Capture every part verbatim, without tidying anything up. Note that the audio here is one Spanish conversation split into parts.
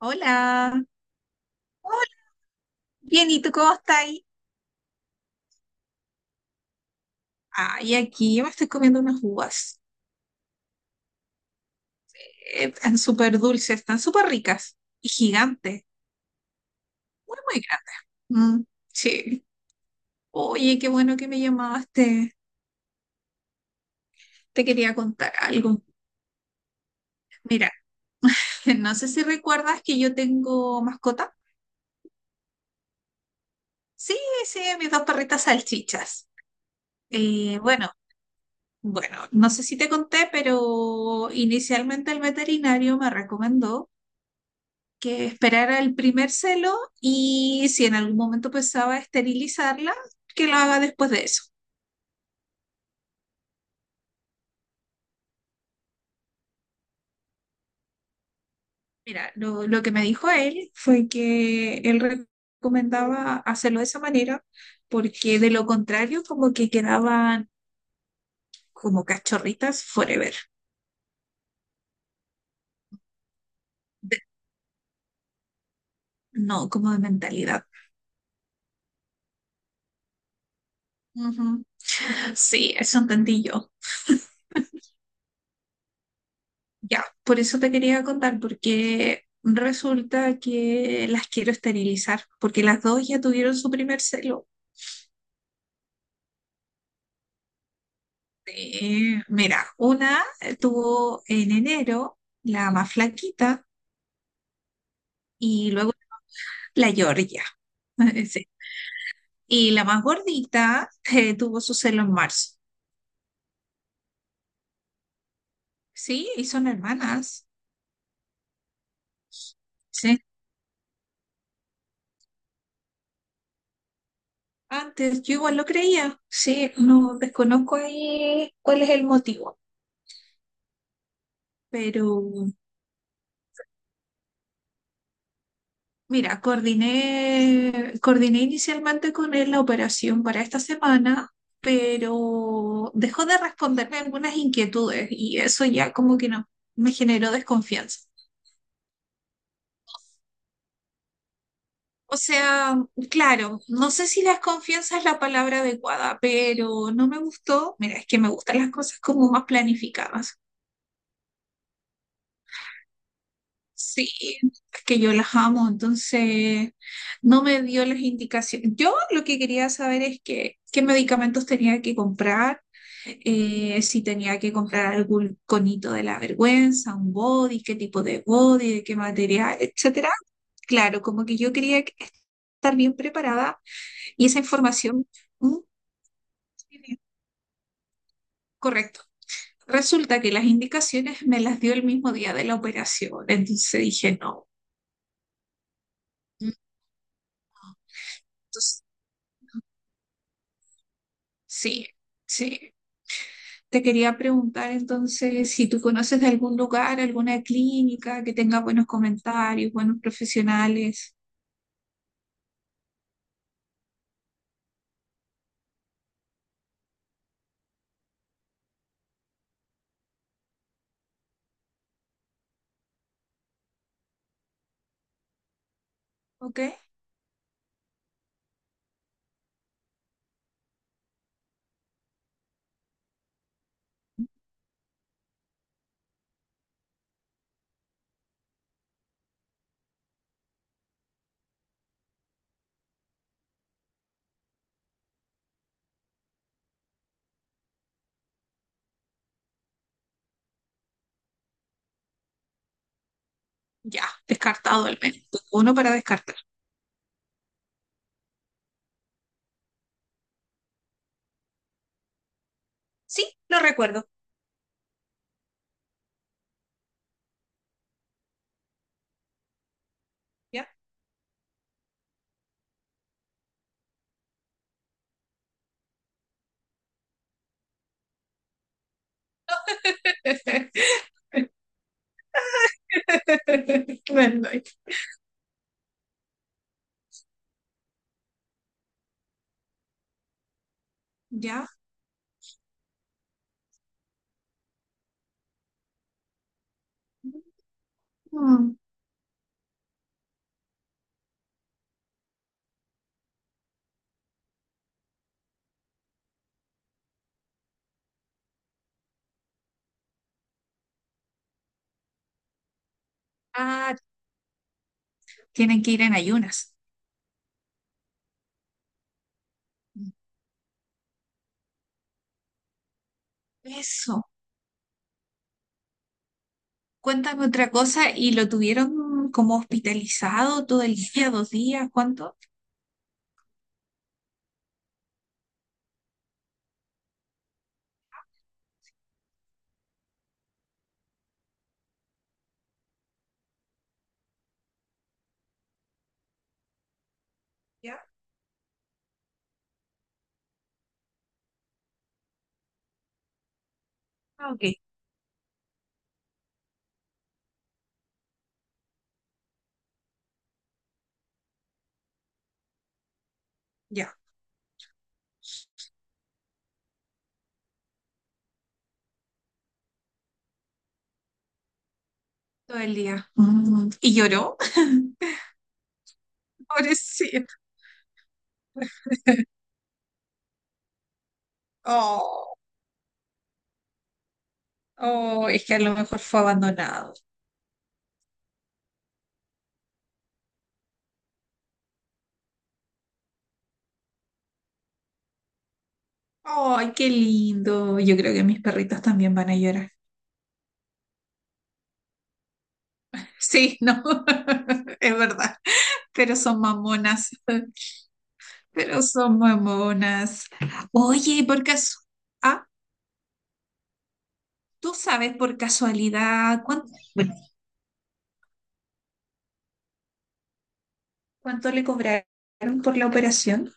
Hola. Hola. Bien, ¿y tú cómo estás? Ay, aquí yo me estoy comiendo unas uvas. Eh, Están súper dulces, están súper ricas y gigantes, muy, muy grandes. Mm, sí. Oye, qué bueno que me llamaste. Te quería contar algo. Mira, no sé si recuerdas que yo tengo mascota. Sí, sí, mis dos perritas salchichas. Eh, bueno, bueno, no sé si te conté, pero inicialmente el veterinario me recomendó que esperara el primer celo, y si en algún momento pensaba esterilizarla, que lo haga después de eso. Mira, lo, lo que me dijo él fue que él recomendaba hacerlo de esa manera porque de lo contrario como que quedaban como cachorritas forever. De- no, como de mentalidad. Ujú. Sí, eso entendí yo. Ya, por eso te quería contar, porque resulta que las quiero esterilizar, porque las dos ya tuvieron su primer celo. Eh, mira, una tuvo en enero, la más flaquita, y luego la Georgia. Sí. Y la más gordita, eh, tuvo su celo en marzo. Sí, y son hermanas. Sí. Antes yo igual lo creía. Sí, no desconozco ahí cuál es el motivo, pero mira, coordiné, coordiné inicialmente con él la operación para esta semana, pero dejó de responderme algunas inquietudes y eso ya como que no, me generó desconfianza. O sea, claro, no sé si desconfianza es la palabra adecuada, pero no me gustó. Mira, es que me gustan las cosas como más planificadas. Sí, es que yo las amo, entonces no me dio las indicaciones. Yo lo que quería saber es que qué medicamentos tenía que comprar, eh, si tenía que comprar algún conito de la vergüenza, un body, qué tipo de body, de qué material, etcétera. Claro, como que yo quería que- estar bien preparada, y esa información, mm, sí, correcto. Resulta que las indicaciones me las dio el mismo día de la operación, entonces dije no. mm, Entonces, Sí, sí. Te quería preguntar entonces si tú conoces de algún lugar, alguna clínica que tenga buenos comentarios, buenos profesionales. ¿Ok? Ya, descartado al menos. Uno para descartar. Sí, lo recuerdo. ¿Ya? Bueno, ya. Mm. Ah, tienen que ir en ayunas. Eso. Cuéntame otra cosa. ¿Y lo tuvieron como hospitalizado todo el día, dos días? ¿Cuánto? Ya. Ah, ok. Ya. Todo el día. Mm. Y lloró. Pobrecito. Oh. Oh, es que a lo mejor fue abandonado. Ay, qué lindo. Yo creo que mis perritos también van a llorar. Sí, no, es verdad. Pero son mamonas. Pero son mamonas. Oye, y por caso, ah, ¿tú sabes por casualidad cuánto, bueno, cuánto le cobraron por la operación?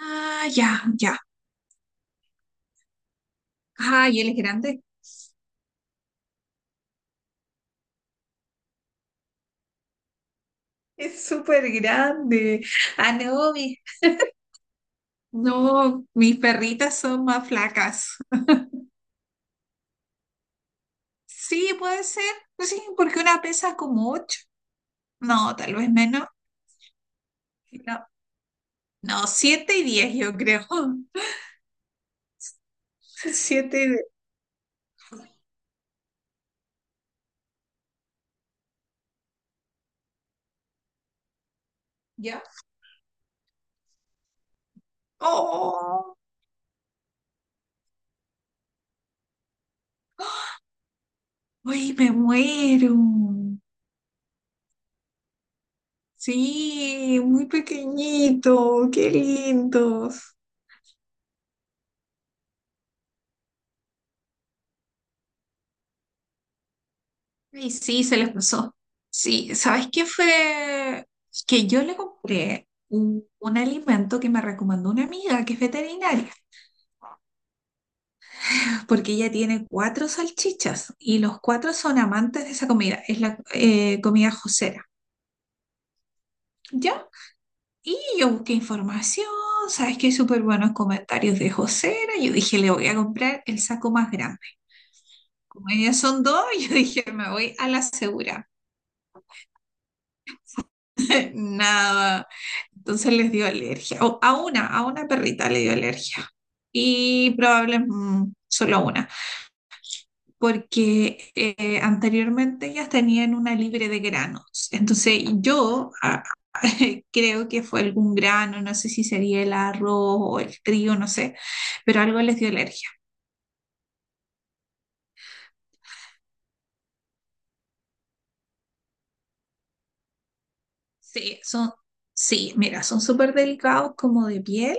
Ah, ya, ya. Ay, él es grande. Es súper grande. Ah, no, mi- No, mis perritas son más flacas. Sí, puede ser. No sé, porque una pesa como ocho. No, tal vez menos. No, no, siete y diez, yo creo. Siete y diez. ¿Ya? ¡Oh! ¡Uy, me muero! Sí, muy pequeñito. ¡Qué lindos! Y sí, se les pasó. Sí, ¿sabes qué fue? Que yo le compré un, un alimento que me recomendó una amiga que es veterinaria, porque ella tiene cuatro salchichas y los cuatro son amantes de esa comida. Es la eh, comida josera, ¿ya? Y yo busqué información, sabes que hay súper buenos comentarios de josera, yo dije, le voy a comprar el saco más grande. Como ellas son dos, yo dije, me voy a la segura. Nada, entonces les dio alergia, o a una, a una, perrita le dio alergia, y probablemente mm, solo a una, porque eh, anteriormente ellas tenían una libre de granos. Entonces yo, ah, creo que fue algún grano, no sé si sería el arroz o el trigo, no sé, pero algo les dio alergia. Sí, son, sí, mira, son súper delicados como de piel,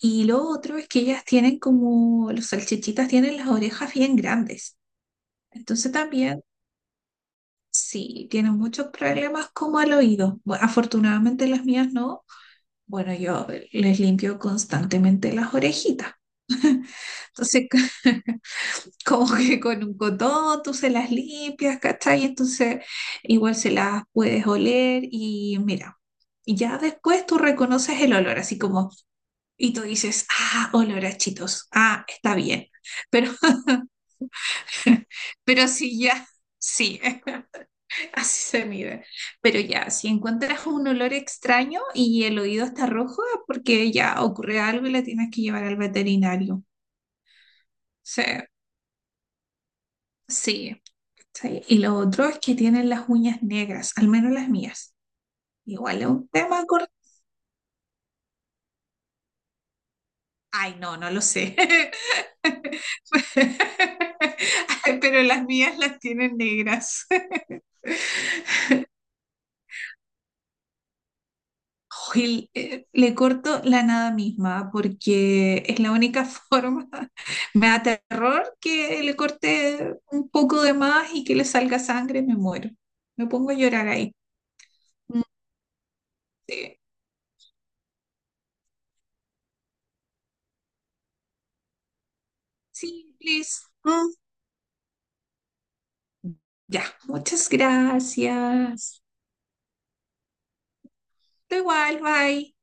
y lo otro es que ellas tienen como, los salchichitas tienen las orejas bien grandes. Entonces también, sí, tienen muchos problemas como al oído. Bueno, afortunadamente las mías no. Bueno, yo les limpio constantemente las orejitas. Entonces, como que con un cotón tú se las limpias, ¿cachai? Entonces, igual se las puedes oler y mira, y ya después tú reconoces el olor, así como, y tú dices, ah, olor a chitos, ah, está bien. Pero, pero sí, ya, sí. Así se mide. Pero ya, si encuentras un olor extraño y el oído está rojo, es porque ya ocurre algo y la tienes que llevar al veterinario. Sí, sí, sí. Y lo otro es que tienen las uñas negras, al menos las mías. Igual es un tema corto. Ay, no, no lo sé. Pero las mías las tienen negras. Oye, eh, le corto la nada misma porque es la única forma. Me da terror que le corte un poco de más y que le salga sangre, me muero. Me pongo a llorar ahí. Mm. eh, Sí, please. Mm. Ya, muchas gracias. Da igual, bye.